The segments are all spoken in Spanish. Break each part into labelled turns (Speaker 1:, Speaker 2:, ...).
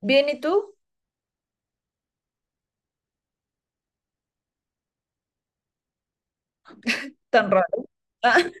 Speaker 1: Bien, ¿y tú? Tan raro.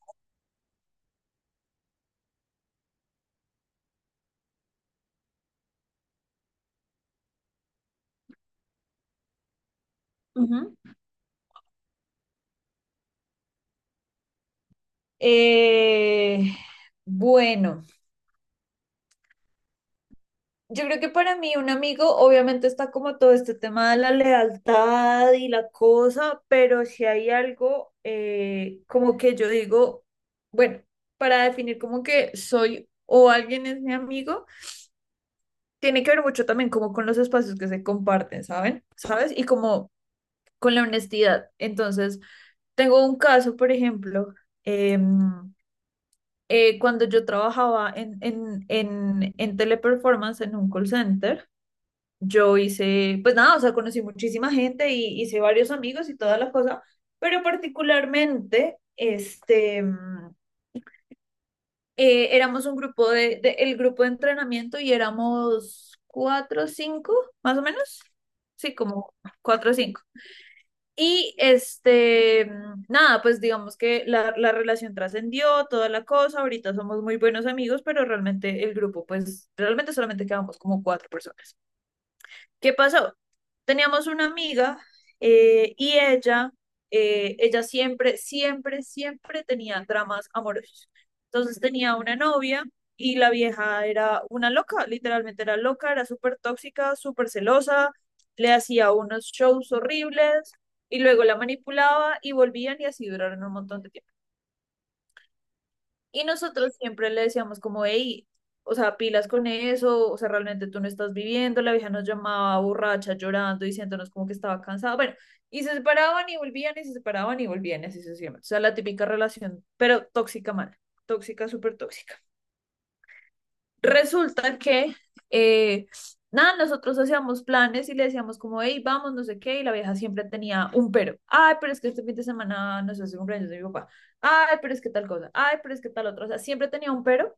Speaker 1: Ah, ujú. Eh, bueno. Yo creo que para mí un amigo obviamente está como todo este tema de la lealtad y la cosa, pero si hay algo como que yo digo, bueno, para definir como que soy o alguien es mi amigo, tiene que ver mucho también como con los espacios que se comparten, ¿saben? ¿Sabes? Y como con la honestidad. Entonces, tengo un caso, por ejemplo, em, cuando yo trabajaba en, Teleperformance en un call center. Yo hice, pues nada, o sea, conocí muchísima gente y hice varios amigos y toda la cosa, pero particularmente, este, éramos un grupo de, el grupo de entrenamiento y éramos cuatro o cinco, más o menos. Sí, como cuatro o cinco. Y este, nada, pues digamos que la relación trascendió, toda la cosa, ahorita somos muy buenos amigos, pero realmente el grupo, pues realmente solamente quedamos como cuatro personas. ¿Qué pasó? Teníamos una amiga, y ella siempre, siempre, siempre tenía dramas amorosos. Entonces tenía una novia y la vieja era una loca, literalmente era loca, era súper tóxica, súper celosa, le hacía unos shows horribles y luego la manipulaba y volvían y así duraron un montón de tiempo. Y nosotros siempre le decíamos como, hey, o sea, pilas con eso, o sea, realmente tú no estás viviendo, la vieja nos llamaba borracha, llorando, diciéndonos como que estaba cansada, bueno, y se separaban y volvían y se separaban y volvían, y así sucesivamente, o sea, la típica relación, pero tóxica mal, tóxica, súper tóxica. Resulta que, eh, nada, nosotros hacíamos planes y le decíamos como, hey, vamos, no sé qué, y la vieja siempre tenía un pero, ay, pero es que este fin de semana, no sé, es el cumpleaños de mi papá, ay, pero es que tal cosa, ay, pero es que tal otra, o sea, siempre tenía un pero.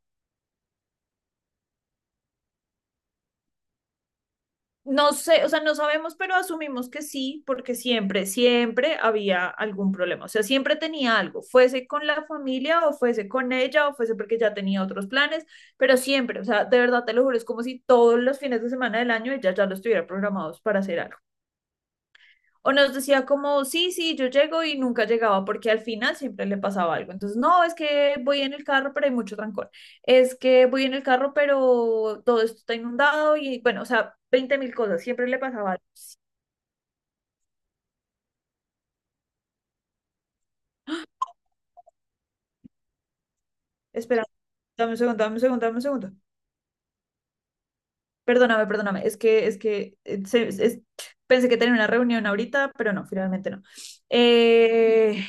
Speaker 1: No sé, o sea, no sabemos, pero asumimos que sí, porque siempre, siempre había algún problema. O sea, siempre tenía algo, fuese con la familia o fuese con ella o fuese porque ya tenía otros planes, pero siempre, o sea, de verdad te lo juro, es como si todos los fines de semana del año ella ya los tuviera programados para hacer algo. O nos decía como, sí, sí, yo llego y nunca llegaba porque al final siempre le pasaba algo. Entonces, no, es que voy en el carro, pero hay mucho trancón. Es que voy en el carro, pero todo esto está inundado y bueno, o sea, 20 mil cosas, siempre le pasaba algo. Espera, dame un segundo, dame un segundo, dame un segundo. Perdóname, perdóname. Es que pensé que tenía una reunión ahorita, pero no, finalmente no. Eh,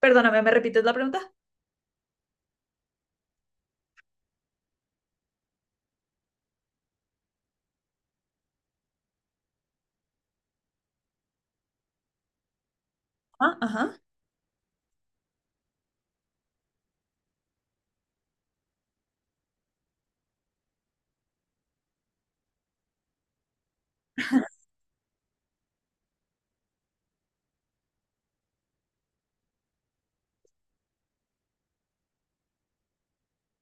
Speaker 1: Perdóname, ¿me repites la pregunta? Ah, ajá.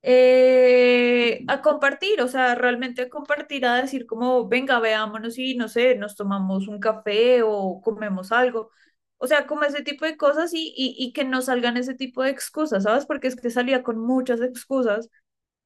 Speaker 1: A compartir, o sea, realmente a compartir, a decir como, venga, veámonos y no sé, nos tomamos un café o comemos algo. O sea, como ese tipo de cosas y que no salgan ese tipo de excusas, ¿sabes? Porque es que salía con muchas excusas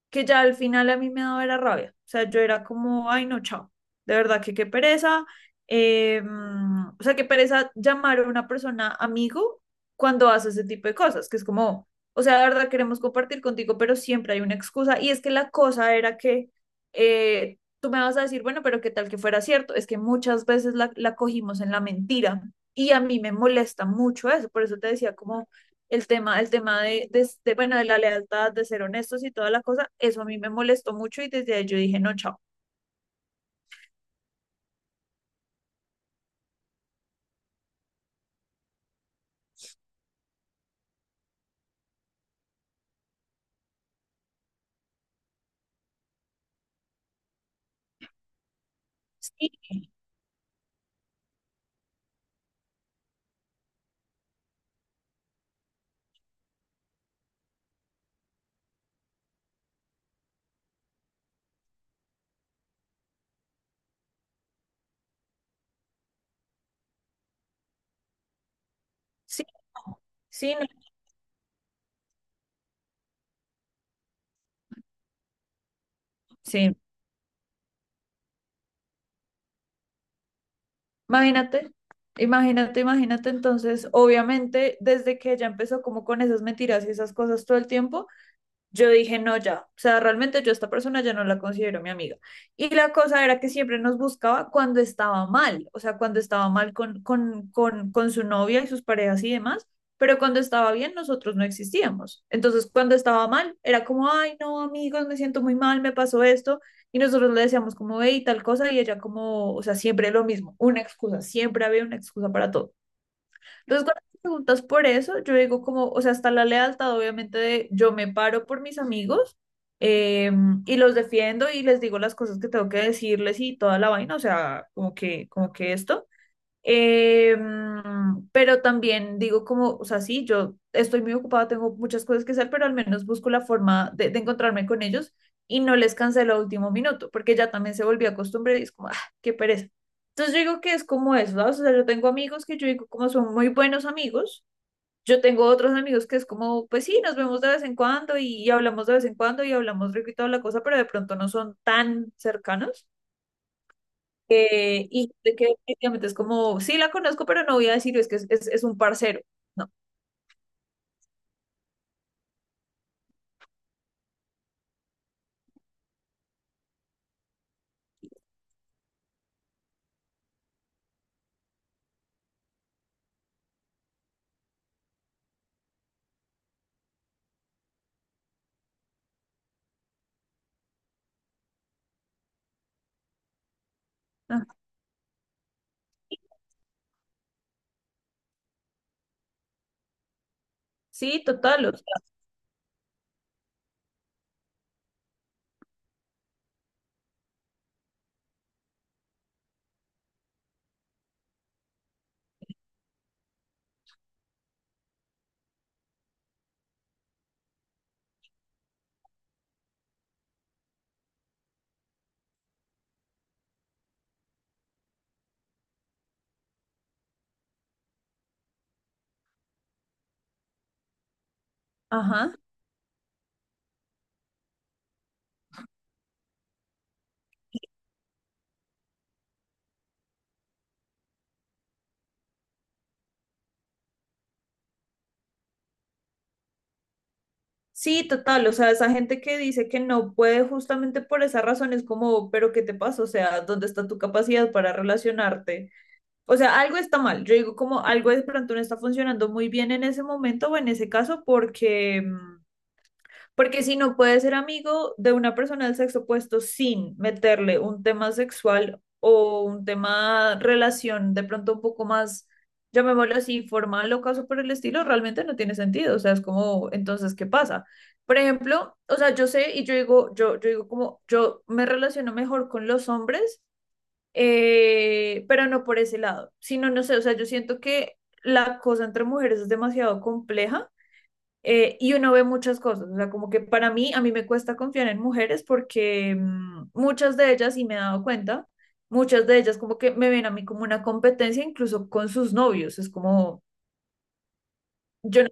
Speaker 1: que ya al final a mí me daba era rabia. O sea, yo era como, ay, no, chao. De verdad que qué pereza. O sea, qué pereza llamar a una persona amigo cuando hace ese tipo de cosas, que es como, o sea, de verdad queremos compartir contigo, pero siempre hay una excusa. Y es que la cosa era que tú me vas a decir, bueno, pero qué tal que fuera cierto. Es que muchas veces la cogimos en la mentira. Y a mí me molesta mucho eso. Por eso te decía como el tema de, bueno, de la lealtad, de ser honestos y toda la cosa, eso a mí me molestó mucho y desde ahí yo dije, no, chao. Sí, sí, no, sí, no, sí. Imagínate, imagínate, imagínate. Entonces, obviamente, desde que ella empezó como con esas mentiras y esas cosas todo el tiempo, yo dije, no, ya, o sea, realmente yo a esta persona ya no la considero mi amiga. Y la cosa era que siempre nos buscaba cuando estaba mal, o sea, cuando estaba mal con su novia y sus parejas y demás, pero cuando estaba bien nosotros no existíamos. Entonces, cuando estaba mal, era como, ay, no, amigos, me siento muy mal, me pasó esto. Y nosotros le decíamos como, hey, tal cosa, y ella como, o sea, siempre lo mismo, una excusa, siempre había una excusa para todo. Entonces, cuando me preguntas por eso, yo digo como, o sea, está la lealtad, obviamente, de yo me paro por mis amigos eh, y los defiendo y les digo las cosas que tengo que decirles y toda la vaina, o sea, como que esto. Pero también digo como, o sea, sí, yo estoy muy ocupada, tengo muchas cosas que hacer, pero al menos busco la forma de encontrarme con ellos y no les cancelo a último minuto, porque ya también se volvió a costumbre y es como, ah, qué pereza. Entonces yo digo que es como eso, ¿sabes? O sea, yo tengo amigos que yo digo como son muy buenos amigos, yo tengo otros amigos que es como, pues sí, nos vemos de vez en cuando y hablamos de vez en cuando y hablamos rico y toda la cosa, pero de pronto no son tan cercanos. Y de que definitivamente es como, sí la conozco, pero no voy a decir, "Oh, es que es un parcero". No. Ah, sí, total, o sea, ajá. Sí, total, o sea, esa gente que dice que no puede justamente por esa razón es como, pero ¿qué te pasa? O sea, ¿dónde está tu capacidad para relacionarte? O sea, algo está mal. Yo digo como algo de pronto no está funcionando muy bien en ese momento o en ese caso porque si no puedes ser amigo de una persona del sexo opuesto sin meterle un tema sexual o un tema relación de pronto un poco más, llamémoslo así, formal o caso por el estilo, realmente no tiene sentido. O sea, es como, entonces, ¿qué pasa? Por ejemplo, o sea, yo sé y yo digo, yo digo como, yo me relaciono mejor con los hombres, pero no por ese lado, sino, no sé, o sea, yo siento que la cosa entre mujeres es demasiado compleja, y uno ve muchas cosas, o sea, como que para mí, a mí me cuesta confiar en mujeres porque muchas de ellas, y me he dado cuenta, muchas de ellas como que me ven a mí como una competencia incluso con sus novios, es como, yo no,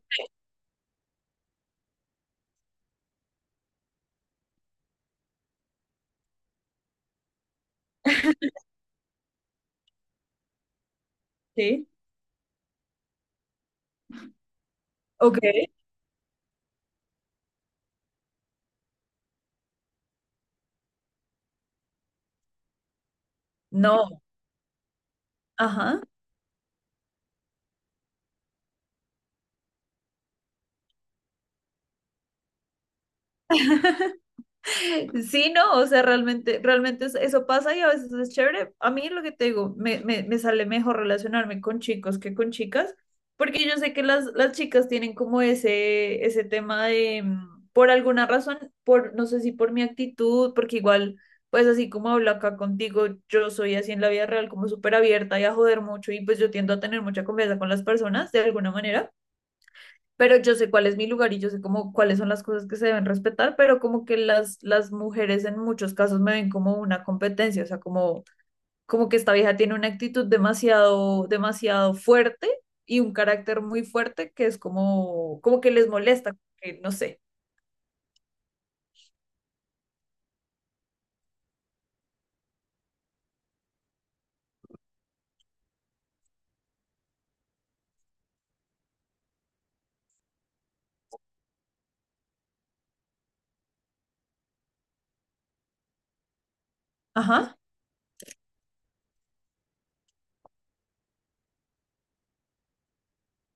Speaker 1: sí, ok, no, ajá. Sí, no, o sea, realmente, realmente eso pasa y a veces es chévere. A mí lo que te digo, me sale mejor relacionarme con chicos que con chicas, porque yo sé que las chicas tienen como ese tema de, por alguna razón, no sé si por mi actitud, porque igual, pues así como hablo acá contigo, yo soy así en la vida real, como súper abierta y a joder mucho, y pues yo tiendo a tener mucha confianza con las personas de alguna manera, pero yo sé cuál es mi lugar y yo sé como cuáles son las cosas que se deben respetar, pero como que las mujeres en muchos casos me ven como una competencia, o sea, como que esta vieja tiene una actitud demasiado, demasiado fuerte y un carácter muy fuerte que es como, que les molesta, que no sé. Ajá,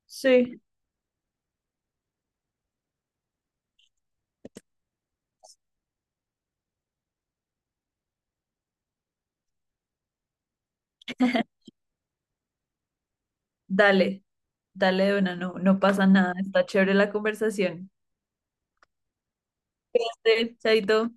Speaker 1: sí. Dale, dale, de una, no, no pasa nada, está chévere la conversación. Sí, chaito.